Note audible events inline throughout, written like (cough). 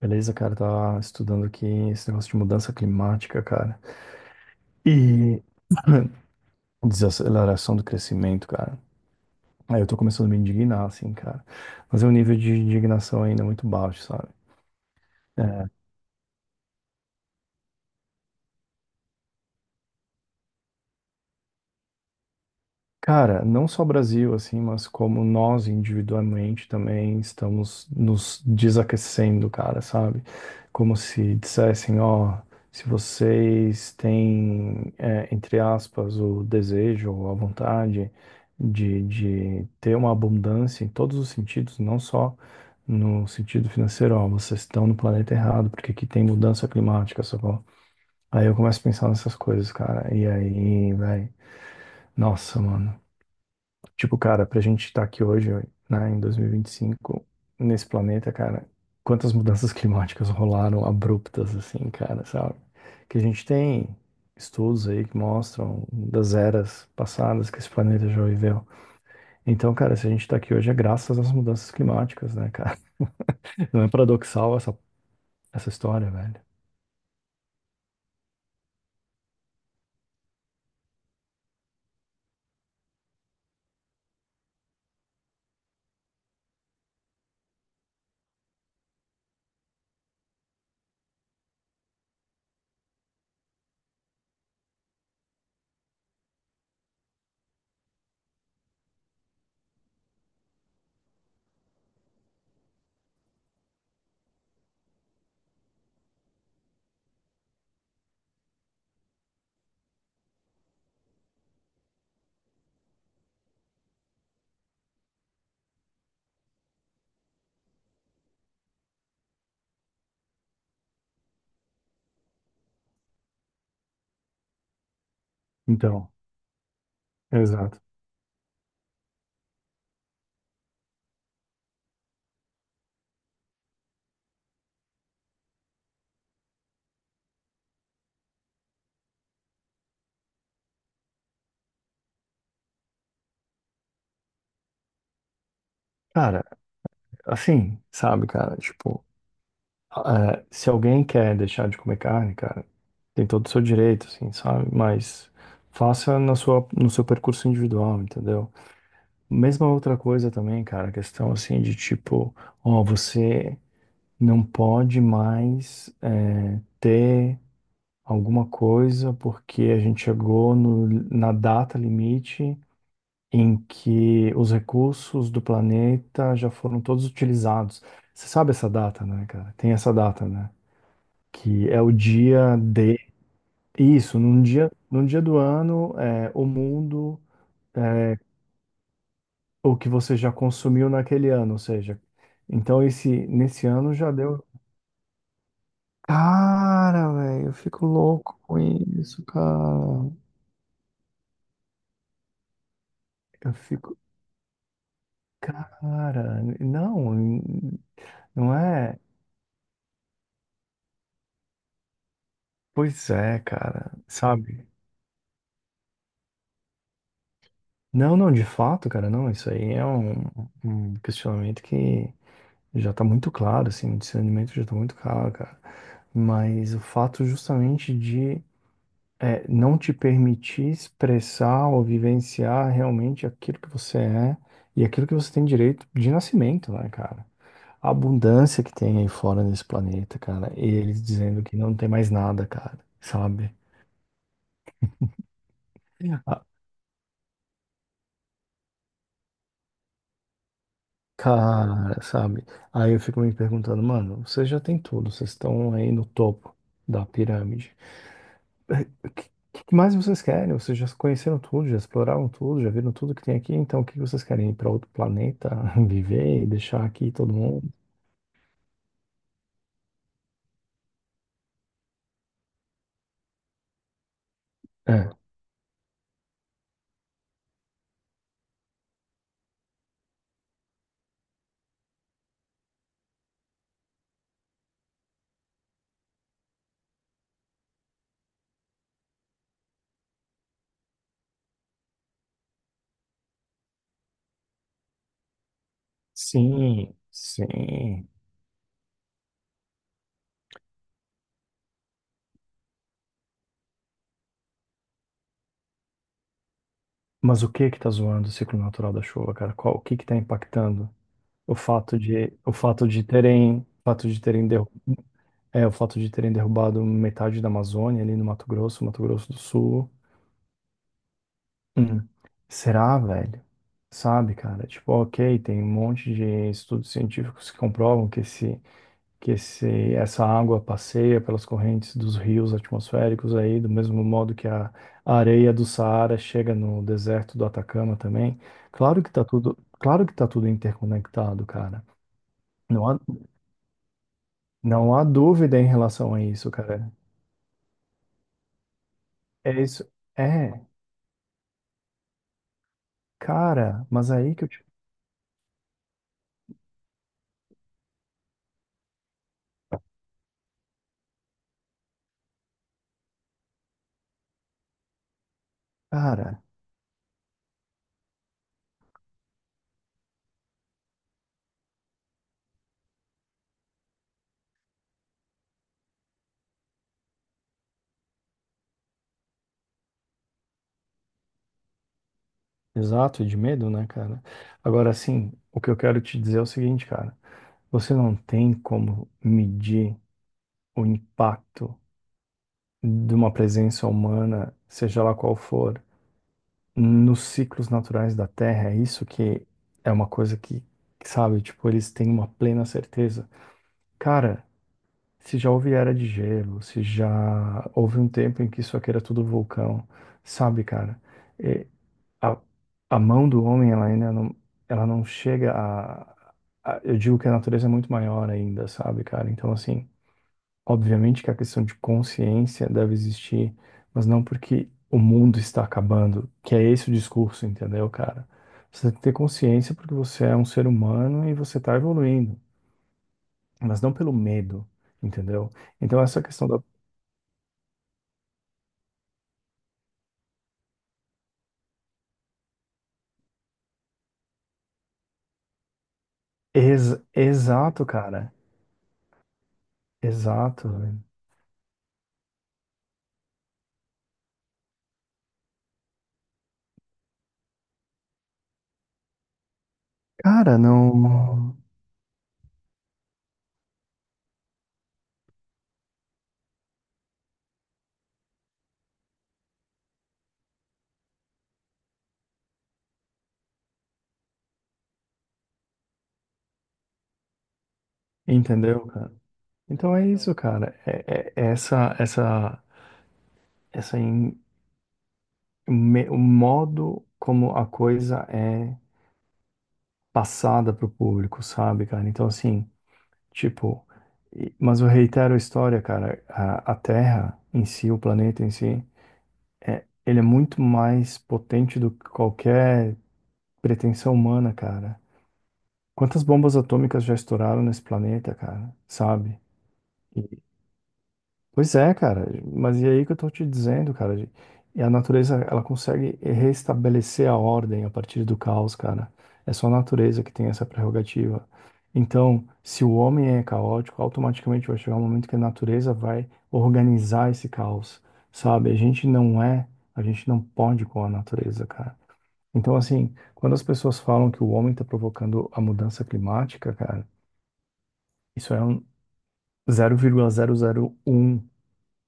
Beleza, cara, tá estudando aqui esse negócio de mudança climática, cara. E (clears throat) desaceleração do crescimento, cara. Aí eu tô começando a me indignar, assim, cara. Mas é um nível de indignação ainda muito baixo, sabe? Cara, não só Brasil, assim, mas como nós individualmente também estamos nos desaquecendo, cara, sabe? Como se dissessem, ó, se vocês têm, entre aspas, o desejo ou a vontade de ter uma abundância em todos os sentidos, não só no sentido financeiro, ó, vocês estão no planeta errado, porque aqui tem mudança climática, sacou? Aí eu começo a pensar nessas coisas, cara, e aí, velho, nossa, mano. Tipo, cara, pra gente estar aqui hoje, né, em 2025, nesse planeta, cara, quantas mudanças (laughs) climáticas rolaram abruptas, assim, cara, sabe? Que a gente tem estudos aí que mostram das eras passadas que esse planeta já viveu. Então, cara, se a gente tá aqui hoje é graças às mudanças climáticas, né, cara? (laughs) Não é paradoxal essa história, velho. Então, exato. Cara, assim, sabe, cara, tipo. É, se alguém quer deixar de comer carne, cara, tem todo o seu direito, assim, sabe? Mas faça na sua, no seu percurso individual, entendeu? Mesma outra coisa também, cara, a questão assim de tipo, ó, você não pode mais ter alguma coisa porque a gente chegou na data limite em que os recursos do planeta já foram todos utilizados. Você sabe essa data, né, cara? Tem essa data, né? que é o dia de isso, num dia do ano, o mundo, é, o que você já consumiu naquele ano, ou seja, então esse nesse ano já deu. Cara, velho, eu fico louco com isso, cara. Eu fico, cara, não, não é. Pois é, cara, sabe? Não, não, de fato, cara, não, isso aí é um, um questionamento que já tá muito claro, assim, o discernimento já tá muito claro, cara. Mas o fato justamente de não te permitir expressar ou vivenciar realmente aquilo que você é e aquilo que você tem direito de nascimento, né, cara? A abundância que tem aí fora nesse planeta, cara. Eles dizendo que não tem mais nada, cara, sabe? Ah, cara, sabe? Aí eu fico me perguntando, mano, vocês já têm tudo, vocês estão aí no topo da pirâmide. O que mais vocês querem? Vocês já conheceram tudo, já exploraram tudo, já viram tudo que tem aqui, então o que vocês querem? Ir para outro planeta, (laughs) viver e deixar aqui todo mundo? É. Sim, sim. Mas o que que tá zoando o ciclo natural da chuva, cara? Qual, o que que tá impactando? O fato de terem, o fato de terem derrubado metade da Amazônia ali no Mato Grosso, Mato Grosso do Sul. Hum, será, velho? Sabe, cara? Tipo, ok, tem um monte de estudos científicos que comprovam que essa água passeia pelas correntes dos rios atmosféricos aí, do mesmo modo que a areia do Saara chega no deserto do Atacama também. Claro que tá tudo interconectado, cara. Não há, não há dúvida em relação a isso, cara. É isso. É, cara, mas aí que eu te. Cara, exato, e de medo, né, cara? Agora, assim, o que eu quero te dizer é o seguinte, cara. Você não tem como medir o impacto de uma presença humana, seja lá qual for, nos ciclos naturais da Terra. É isso que é uma coisa que, sabe, tipo, eles têm uma plena certeza. Cara, se já houve era de gelo, se já houve um tempo em que isso aqui era tudo vulcão, sabe, cara? a, a mão do homem, ela não chega a. Eu digo que a natureza é muito maior ainda, sabe, cara? Então, assim, obviamente que a questão de consciência deve existir, mas não porque o mundo está acabando, que é esse o discurso, entendeu, cara? Você tem que ter consciência porque você é um ser humano e você está evoluindo, mas não pelo medo, entendeu? Então, essa questão da. Exato, cara. Exato, velho. Cara, não. Entendeu, cara? Então é isso, cara. Essa em- o modo como a coisa é passada pro público, sabe, cara? Então assim, tipo, e- mas eu reitero a história, cara. A Terra em si, o planeta em si, é, ele é muito mais potente do que qualquer pretensão humana, cara. Quantas bombas atômicas já estouraram nesse planeta, cara? Sabe? Pois é, cara, mas e aí que eu tô te dizendo, cara, de- e a natureza, ela consegue restabelecer a ordem a partir do caos, cara. É só a natureza que tem essa prerrogativa. Então, se o homem é caótico, automaticamente vai chegar um momento que a natureza vai organizar esse caos, sabe? A gente não é, a gente não pode com a natureza, cara. Então, assim, quando as pessoas falam que o homem tá provocando a mudança climática, cara, isso é um zero vírgula zero zero vírgula um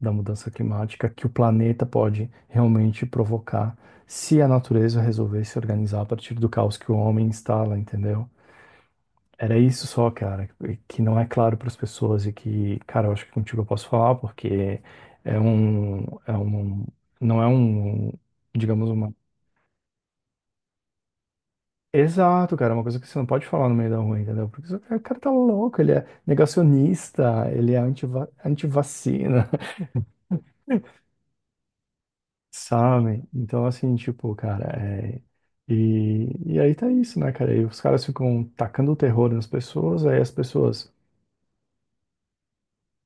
da mudança climática que o planeta pode realmente provocar se a natureza resolver se organizar a partir do caos que o homem instala, entendeu? Era isso só, cara, que não é claro para as pessoas e que, cara, eu acho que contigo eu posso falar porque é um, é um, não é um, digamos, uma. Exato, cara, é uma coisa que você não pode falar no meio da rua, entendeu? Porque o cara tá louco, ele é negacionista, ele é antivacina. Sabe? Então, assim, tipo, cara, é... E, e aí tá isso, né, cara? E os caras ficam tacando o terror nas pessoas, aí as pessoas.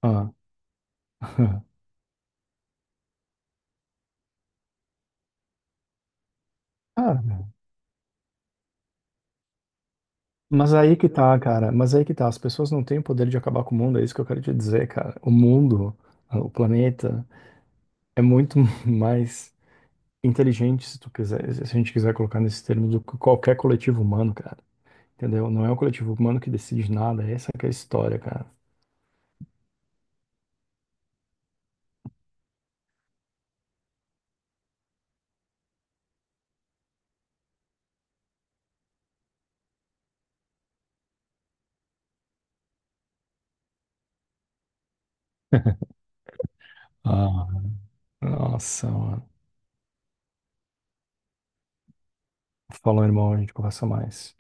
Ah, cara, mas aí que tá, cara. Mas aí que tá. As pessoas não têm o poder de acabar com o mundo, é isso que eu quero te dizer, cara. O mundo, ah, o planeta, é muito (laughs) mais inteligente, se tu quiser, se a gente quiser colocar nesse termo, do que qualquer coletivo humano, cara. Entendeu? Não é o coletivo humano que decide nada, essa que é a história, cara. (laughs) Ah, nossa. Falou, irmão, a gente conversa mais.